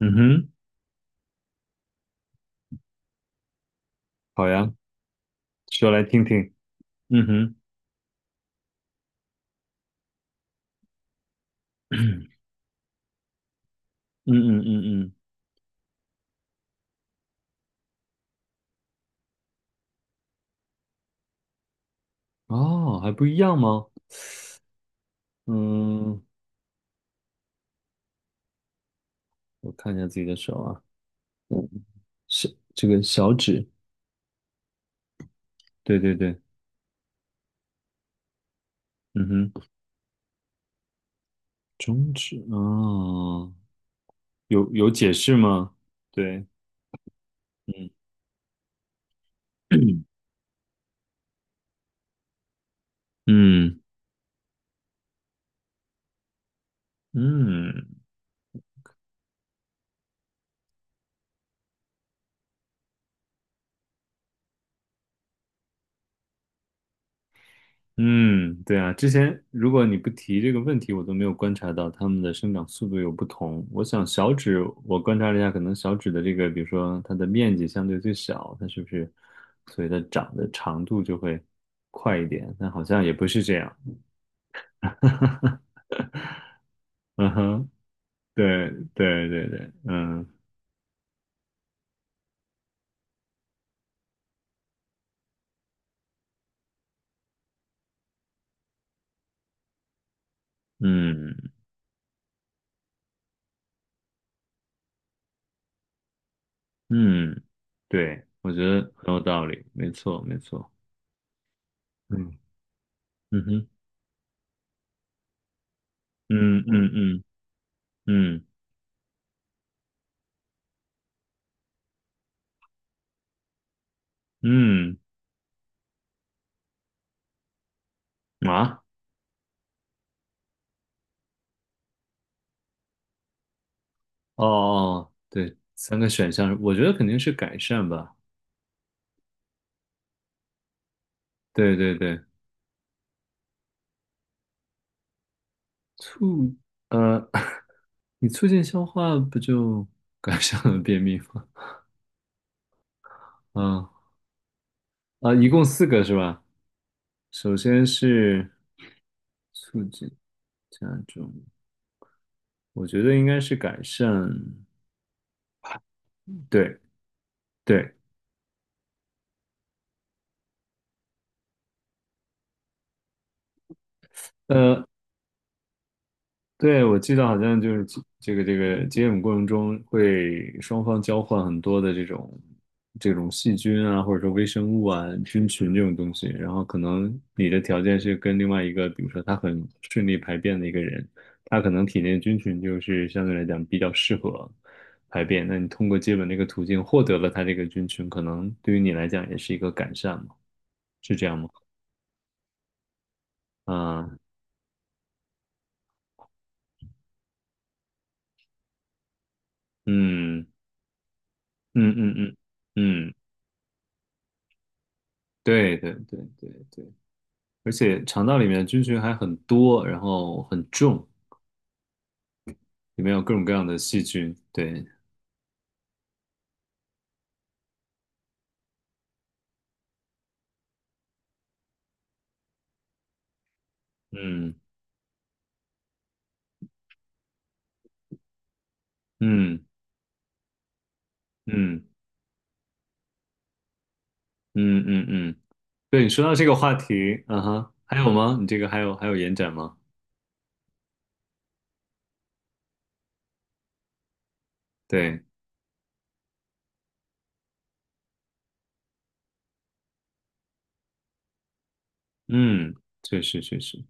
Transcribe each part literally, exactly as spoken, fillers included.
嗯哼，好呀，说来听听。嗯哼，嗯嗯嗯嗯，哦，还不一样吗？嗯，我看一下自己的手啊，小这个小指，对对对，嗯哼，中指啊，哦有有解释吗？对，嗯 嗯嗯，嗯，对啊，之前如果你不提这个问题，我都没有观察到它们的生长速度有不同。我想小指，我观察了一下，可能小指的这个，比如说它的面积相对最小，它是不是，所以它长的长度就会快一点？但好像也不是这样。嗯哼，对对对对，嗯嗯嗯，对，我觉得很有道理，没错没错，嗯嗯哼，嗯嗯嗯嗯嗯啊。哦，哦，对，三个选项，我觉得肯定是改善吧。对对对，促，呃，你促进消化不就 改善了便秘吗？嗯啊，一共四个是吧？首先是促进加重，我觉得应该是改善。对对，呃。对，我记得好像就是这这个这个接吻过程中会双方交换很多的这种这种细菌啊，或者说微生物啊、菌群这种东西，然后可能你的条件是跟另外一个，比如说他很顺利排便的一个人，他可能体内菌群就是相对来讲比较适合排便，那你通过接吻这个途径获得了他这个菌群，可能对于你来讲也是一个改善嘛，是这样吗？啊，嗯嗯嗯嗯嗯，对对对对对。而且肠道里面的菌群还很多，然后很重，里面有各种各样的细菌。对，嗯嗯嗯嗯嗯嗯，对你说到这个话题，啊哈，还有吗？你这个还有还有延展吗？对，嗯，确实确实，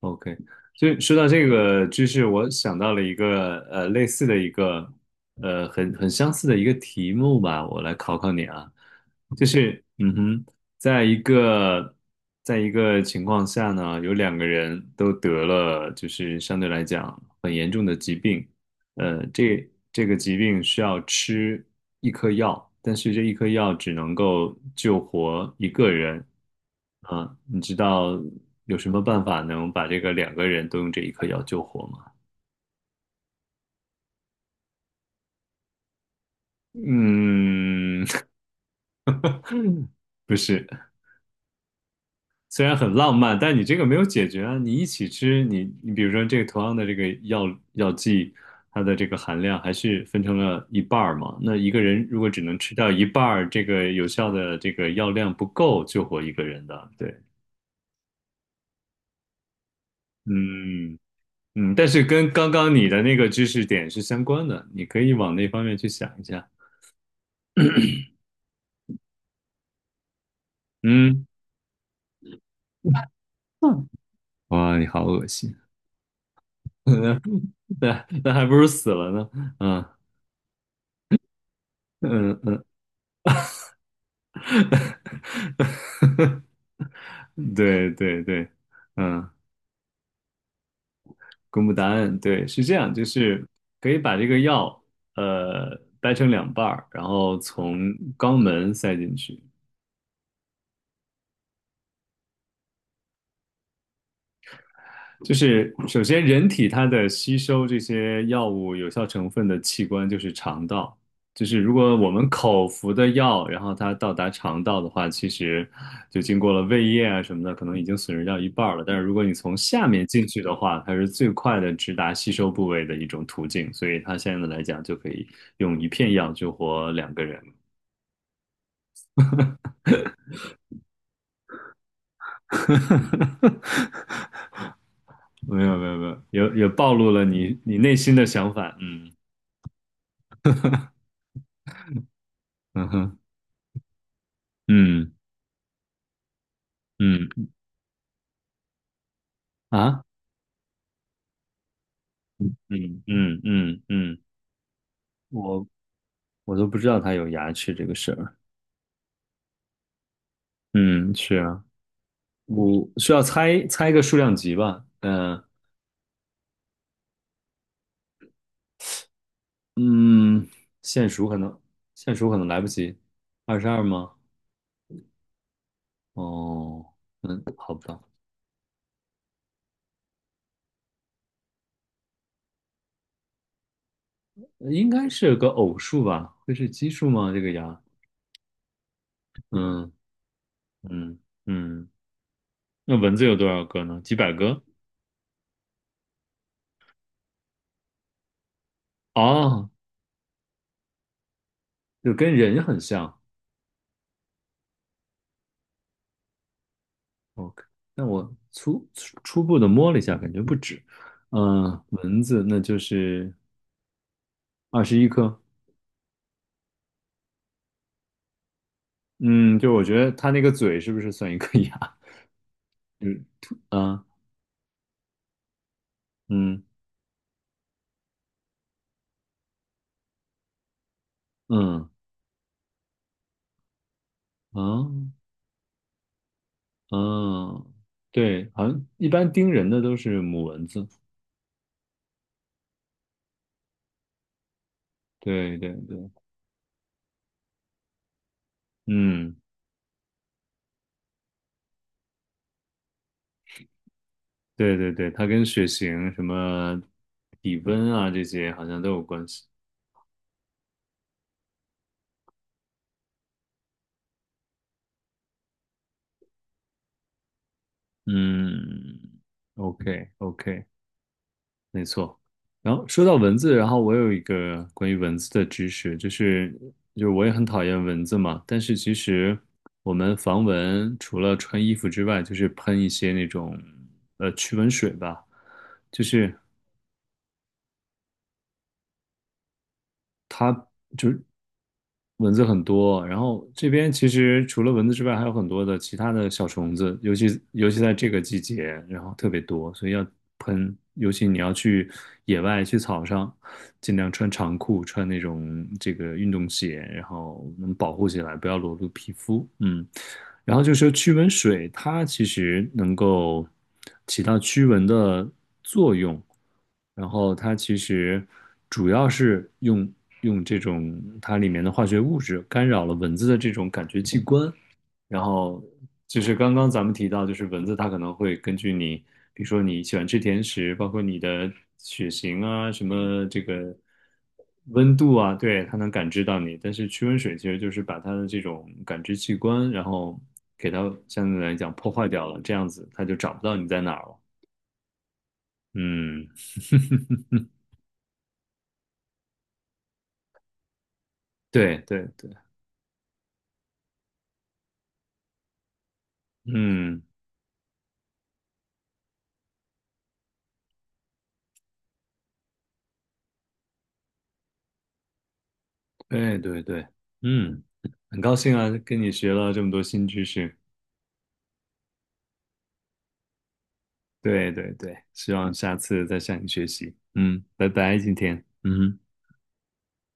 OK，所以说到这个知识，我想到了一个呃类似的一个呃很很相似的一个题目吧，我来考考你啊，就是嗯哼，在一个在一个情况下呢，有两个人都得了就是相对来讲很严重的疾病，呃，这这个疾病需要吃一颗药，但是这一颗药只能够救活一个人啊，你知道有什么办法能把这个两个人都用这一颗药救活吗？嗯，不是。虽然很浪漫，但你这个没有解决啊。你一起吃，你你比如说这个同样的这个药药剂，它的这个含量还是分成了一半儿嘛。那一个人如果只能吃掉一半儿，这个有效的这个药量不够救活一个人的。对，嗯嗯，但是跟刚刚你的那个知识点是相关的，你可以往那方面去想一下。嗯，嗯哇，你好恶心，那那那还不如死了呢。嗯嗯嗯。对对对，嗯，公布答案，对，是这样，就是可以把这个药，呃，掰成两半儿，然后从肛门塞进去，就是首先，人体它的吸收这些药物有效成分的器官就是肠道。就是如果我们口服的药，然后它到达肠道的话，其实就经过了胃液啊什么的，可能已经损失掉一半儿了。但是如果你从下面进去的话，它是最快的直达吸收部位的一种途径。所以它现在来讲，就可以用一片药救活两个人。没有没有没有，也也暴露了你你内心的想法。嗯嗯哼嗯嗯啊。嗯嗯嗯嗯，我我都不知道它有牙齿这个事儿。嗯，是啊，我需要猜猜一个数量级吧。嗯嗯，现数可能现数可能来不及，二十二吗？哦，嗯，好吧，呃应该是个偶数吧？会是奇数吗？这个牙？嗯嗯嗯，那蚊子有多少个呢？几百个？哦，就跟人很像。OK，那我初初初步的摸了一下，感觉不止。嗯、蚊子那就是二十一颗。嗯，就我觉得它那个嘴是不是算一颗牙？就是，吐啊，嗯嗯嗯嗯，对，好像一般叮人的都是母蚊子。对对对，嗯，对对对，它跟血型、什么体温啊这些好像都有关系。嗯，OK OK，没错，然后说到文字，然后我有一个关于文字的知识，就是就是我也很讨厌蚊子嘛，但是其实我们防蚊除了穿衣服之外，就是喷一些那种呃驱蚊水吧，就是就是蚊子很多，然后这边其实除了蚊子之外，还有很多的其他的小虫子，尤其尤其在这个季节，然后特别多，所以要喷。尤其你要去野外、去草上，尽量穿长裤，穿那种这个运动鞋，然后能保护起来，不要裸露皮肤。嗯，然后就是说驱蚊水，它其实能够起到驱蚊的。然后它其实主要是用用这种它里面的化学物质干扰了蚊子的这种感觉器官，然后就是刚刚咱们提到，就是蚊子它可能会根据你，比如说你喜欢吃甜食，包括你的血型啊，什么这个温度啊，对，它能感知到你。但是驱蚊水其实就是把它的这种感知器官，然后给它相对来讲破坏掉了，这样子它就找不到你在哪儿了。嗯，对对对。嗯，对对对，嗯，很高兴啊，跟你学了这么多新知识。对对对，希望下次再向你学习。嗯，拜拜，今天。嗯哼。